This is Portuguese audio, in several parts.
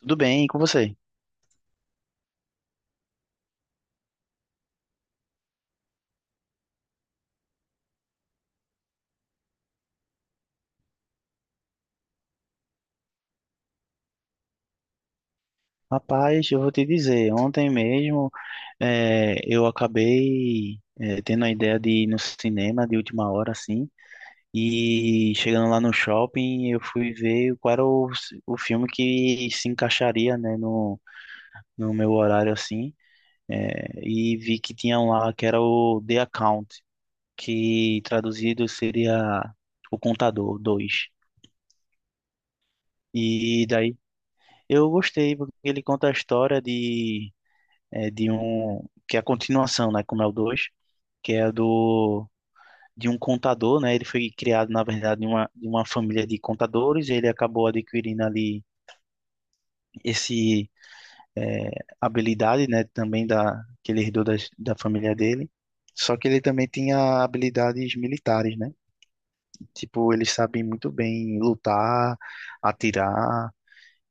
Tudo bem, e com você? Rapaz, eu vou te dizer, ontem mesmo eu acabei tendo a ideia de ir no cinema de última hora, assim, e chegando lá no shopping, eu fui ver qual era o filme que se encaixaria, né, no meu horário, assim, e vi que tinha um lá que era o The Account, que traduzido seria O Contador dois. E daí eu gostei, porque ele conta a história de de um que é a continuação, né, como é o 2, que é do de um contador, né? Ele foi criado, na verdade, de uma família de contadores, e ele acabou adquirindo ali esse é, habilidade, né, também da que ele herdou da família dele. Só que ele também tinha habilidades militares, né? Tipo, ele sabe muito bem lutar, atirar,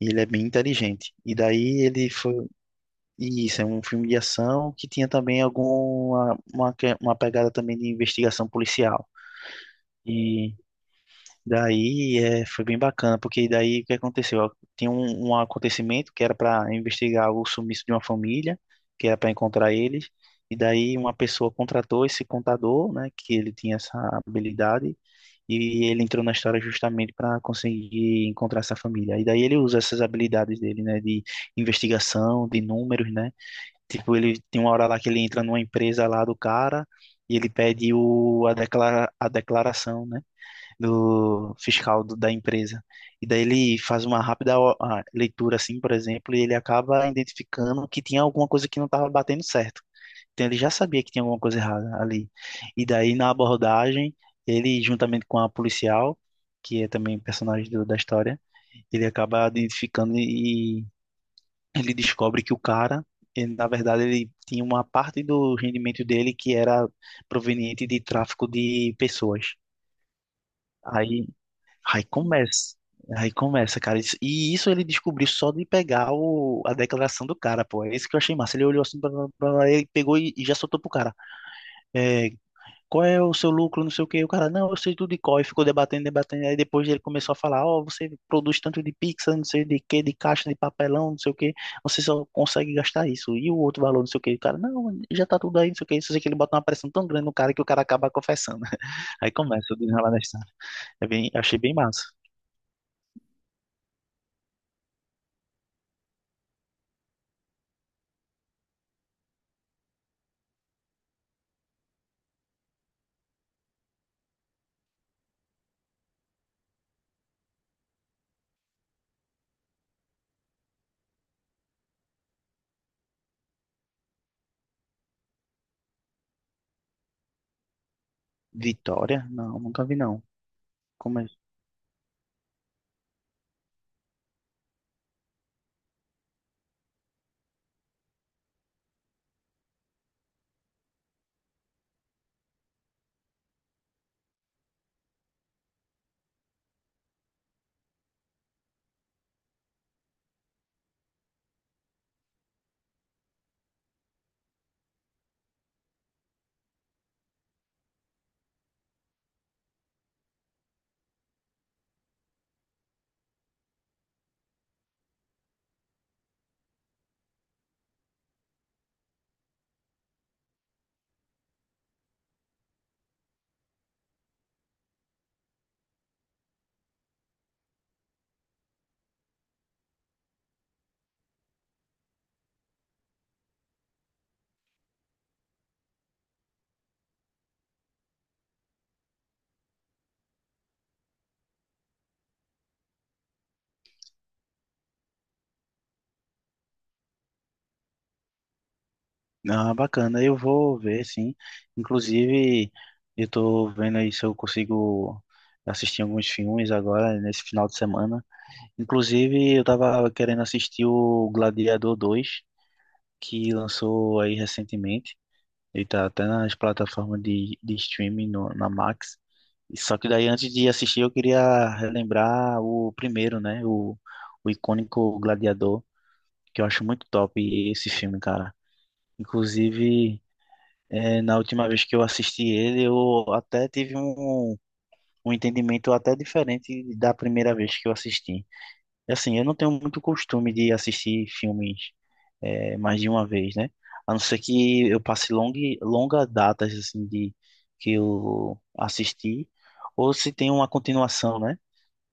e ele é bem inteligente. E daí ele foi... Isso, é um filme de ação que tinha também uma pegada também de investigação policial. E daí foi bem bacana, porque daí o que aconteceu? Ó, tinha um acontecimento que era para investigar o sumiço de uma família, que era para encontrar eles. E daí uma pessoa contratou esse contador, né, que ele tinha essa habilidade, e ele entrou na história justamente para conseguir encontrar essa família. E daí ele usa essas habilidades dele, né, de investigação, de números, né? Tipo, ele tem uma hora lá que ele entra numa empresa lá do cara e ele pede a declaração, né, do fiscal da empresa. E daí ele faz uma rápida a leitura, assim, por exemplo, e ele acaba identificando que tinha alguma coisa que não estava batendo certo. Então ele já sabia que tinha alguma coisa errada ali. E daí na abordagem, ele juntamente com a policial, que é também personagem da história, ele acaba identificando e ele descobre que o cara, ele, na verdade, ele tinha uma parte do rendimento dele que era proveniente de tráfico de pessoas. Aí, aí começa, aí começa, cara. E isso ele descobriu só de pegar a declaração do cara, pô. É isso que eu achei massa. Ele olhou assim, blá, blá, blá, blá, ele pegou e já soltou pro cara. É, qual é o seu lucro, não sei o quê. O cara, não, eu sei tudo de cor. E ficou debatendo, debatendo. Aí depois ele começou a falar, ó, você produz tanto de pizza, não sei de quê, de caixa, de papelão, não sei o quê. Você só consegue gastar isso. E o outro valor, não sei o quê. O cara, não, já tá tudo aí, não sei o quê. Só sei que ele bota uma pressão tão grande no cara que o cara acaba confessando. Aí começa o desenrolar da história. É bem, achei bem massa. Vitória? Não, nunca vi, não. Como é? Ah, bacana, eu vou ver, sim. Inclusive, eu tô vendo aí se eu consigo assistir alguns filmes agora, nesse final de semana. Inclusive, eu tava querendo assistir o Gladiador 2, que lançou aí recentemente. Ele tá até nas plataformas de streaming, no, na Max. Só que daí, antes de assistir, eu queria relembrar o primeiro, né? O icônico Gladiador, que eu acho muito top esse filme, cara. Inclusive, é, na última vez que eu assisti ele, eu até tive um entendimento até diferente da primeira vez que eu assisti. E, assim, eu não tenho muito costume de assistir filmes mais de uma vez, né? A não ser que eu passe longa datas assim de que eu assisti, ou se tem uma continuação, né?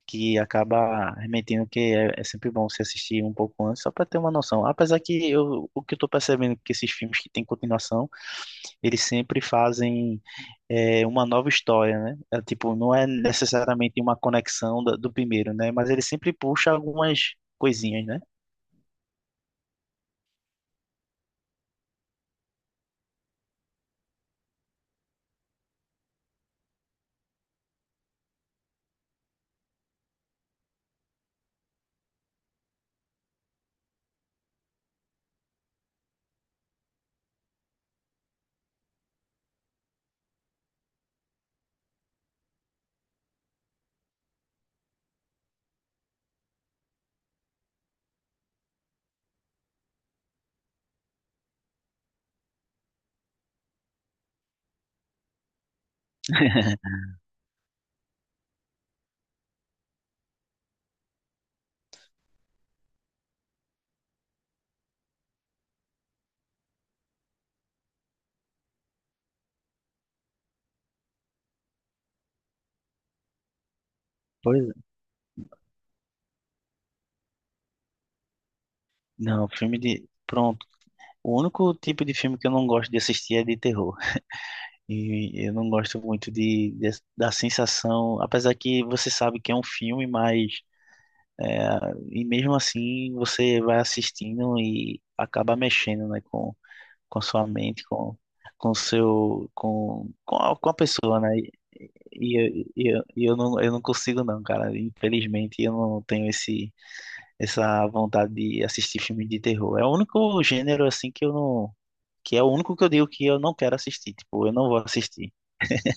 Que acaba remetendo que é sempre bom se assistir um pouco antes, só para ter uma noção. Apesar que eu, o que eu tô percebendo é que esses filmes que têm continuação eles sempre fazem uma nova história, né? É, tipo, não é necessariamente uma conexão do primeiro, né? Mas ele sempre puxa algumas coisinhas, né? Pois é. Não, filme de. Pronto. O único tipo de filme que eu não gosto de assistir é de terror. E eu não gosto muito da sensação. Apesar que você sabe que é um filme, mas... é, e mesmo assim você vai assistindo e acaba mexendo, né, com sua mente, com seu com a pessoa, né? E eu, eu não consigo não, cara. Infelizmente eu não tenho esse essa vontade de assistir filme de terror. É o único gênero assim que eu não que é o único que eu digo que eu não quero assistir, tipo, eu não vou assistir.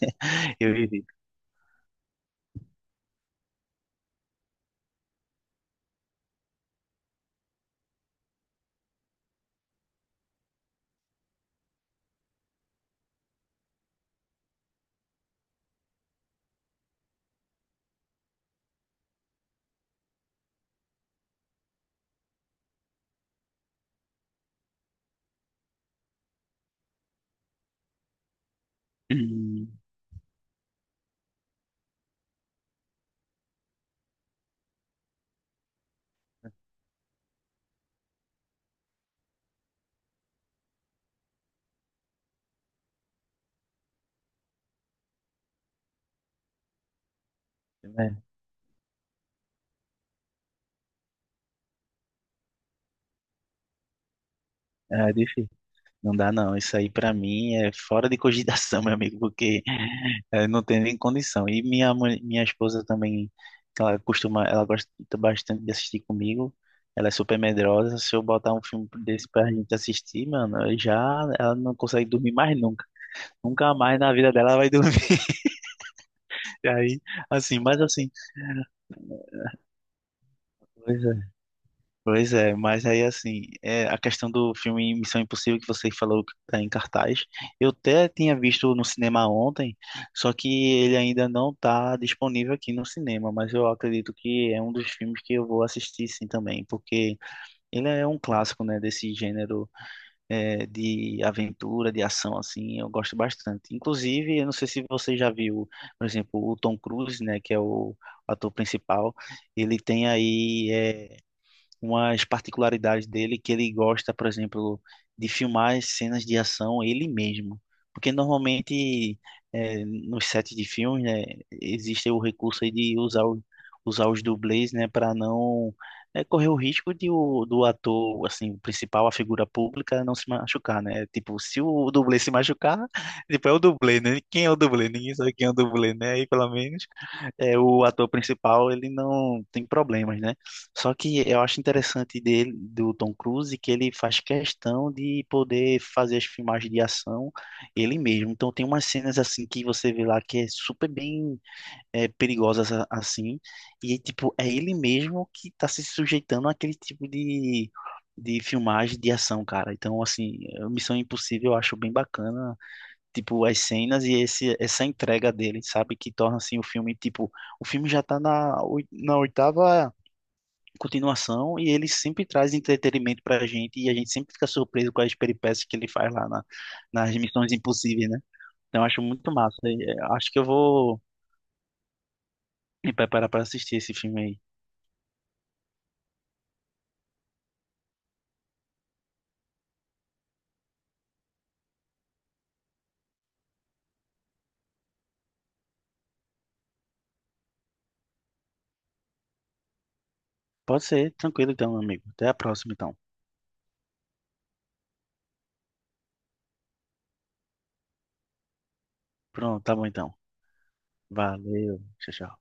Eu evito. Hum, é, é difícil. Não dá não. Isso aí pra mim é fora de cogitação, meu amigo, porque é, não tem nem condição. E minha mãe, minha esposa também, que ela costuma, ela gosta bastante de assistir comigo. Ela é super medrosa. Se eu botar um filme desse pra gente assistir, mano, eu já ela não consegue dormir mais nunca. Nunca mais na vida dela ela vai dormir. E aí, assim, pois é, mas aí assim, é, a questão do filme Missão Impossível que você falou que tá em cartaz, eu até tinha visto no cinema ontem, só que ele ainda não tá disponível aqui no cinema, mas eu acredito que é um dos filmes que eu vou assistir sim também, porque ele é um clássico, né, desse gênero de aventura, de ação, assim, eu gosto bastante. Inclusive, eu não sei se você já viu, por exemplo, o Tom Cruise, né, que é o ator principal, ele tem aí... é, umas particularidades dele que ele gosta, por exemplo, de filmar as cenas de ação ele mesmo. Porque normalmente nos sets de filmes, né, existe o recurso aí de usar os dublês, né, para não correr o risco do ator, assim, o principal, a figura pública, não se machucar, né? Tipo, se o dublê se machucar, tipo, é o dublê, né? Quem é o dublê? Ninguém sabe quem é o dublê, né? Aí, pelo menos é, o ator principal, ele não tem problemas, né? Só que eu acho interessante dele, do Tom Cruise, que ele faz questão de poder fazer as filmagens de ação ele mesmo. Então tem umas cenas assim que você vê lá que é super bem perigosas assim, e tipo, é ele mesmo que tá se sujeitando àquele tipo de filmagem de ação, cara. Então, assim, Missão Impossível eu acho bem bacana, tipo, as cenas e essa entrega dele, sabe? Que torna, assim, o filme, tipo, o filme já tá na oitava continuação e ele sempre traz entretenimento pra gente e a gente sempre fica surpreso com as peripécias que ele faz lá na, nas Missões Impossíveis, né? Então, eu acho muito massa. E, acho que eu vou me preparar pra assistir esse filme aí. Pode ser, tranquilo então, meu amigo. Até a próxima, então. Pronto, tá bom então. Valeu, tchau, tchau.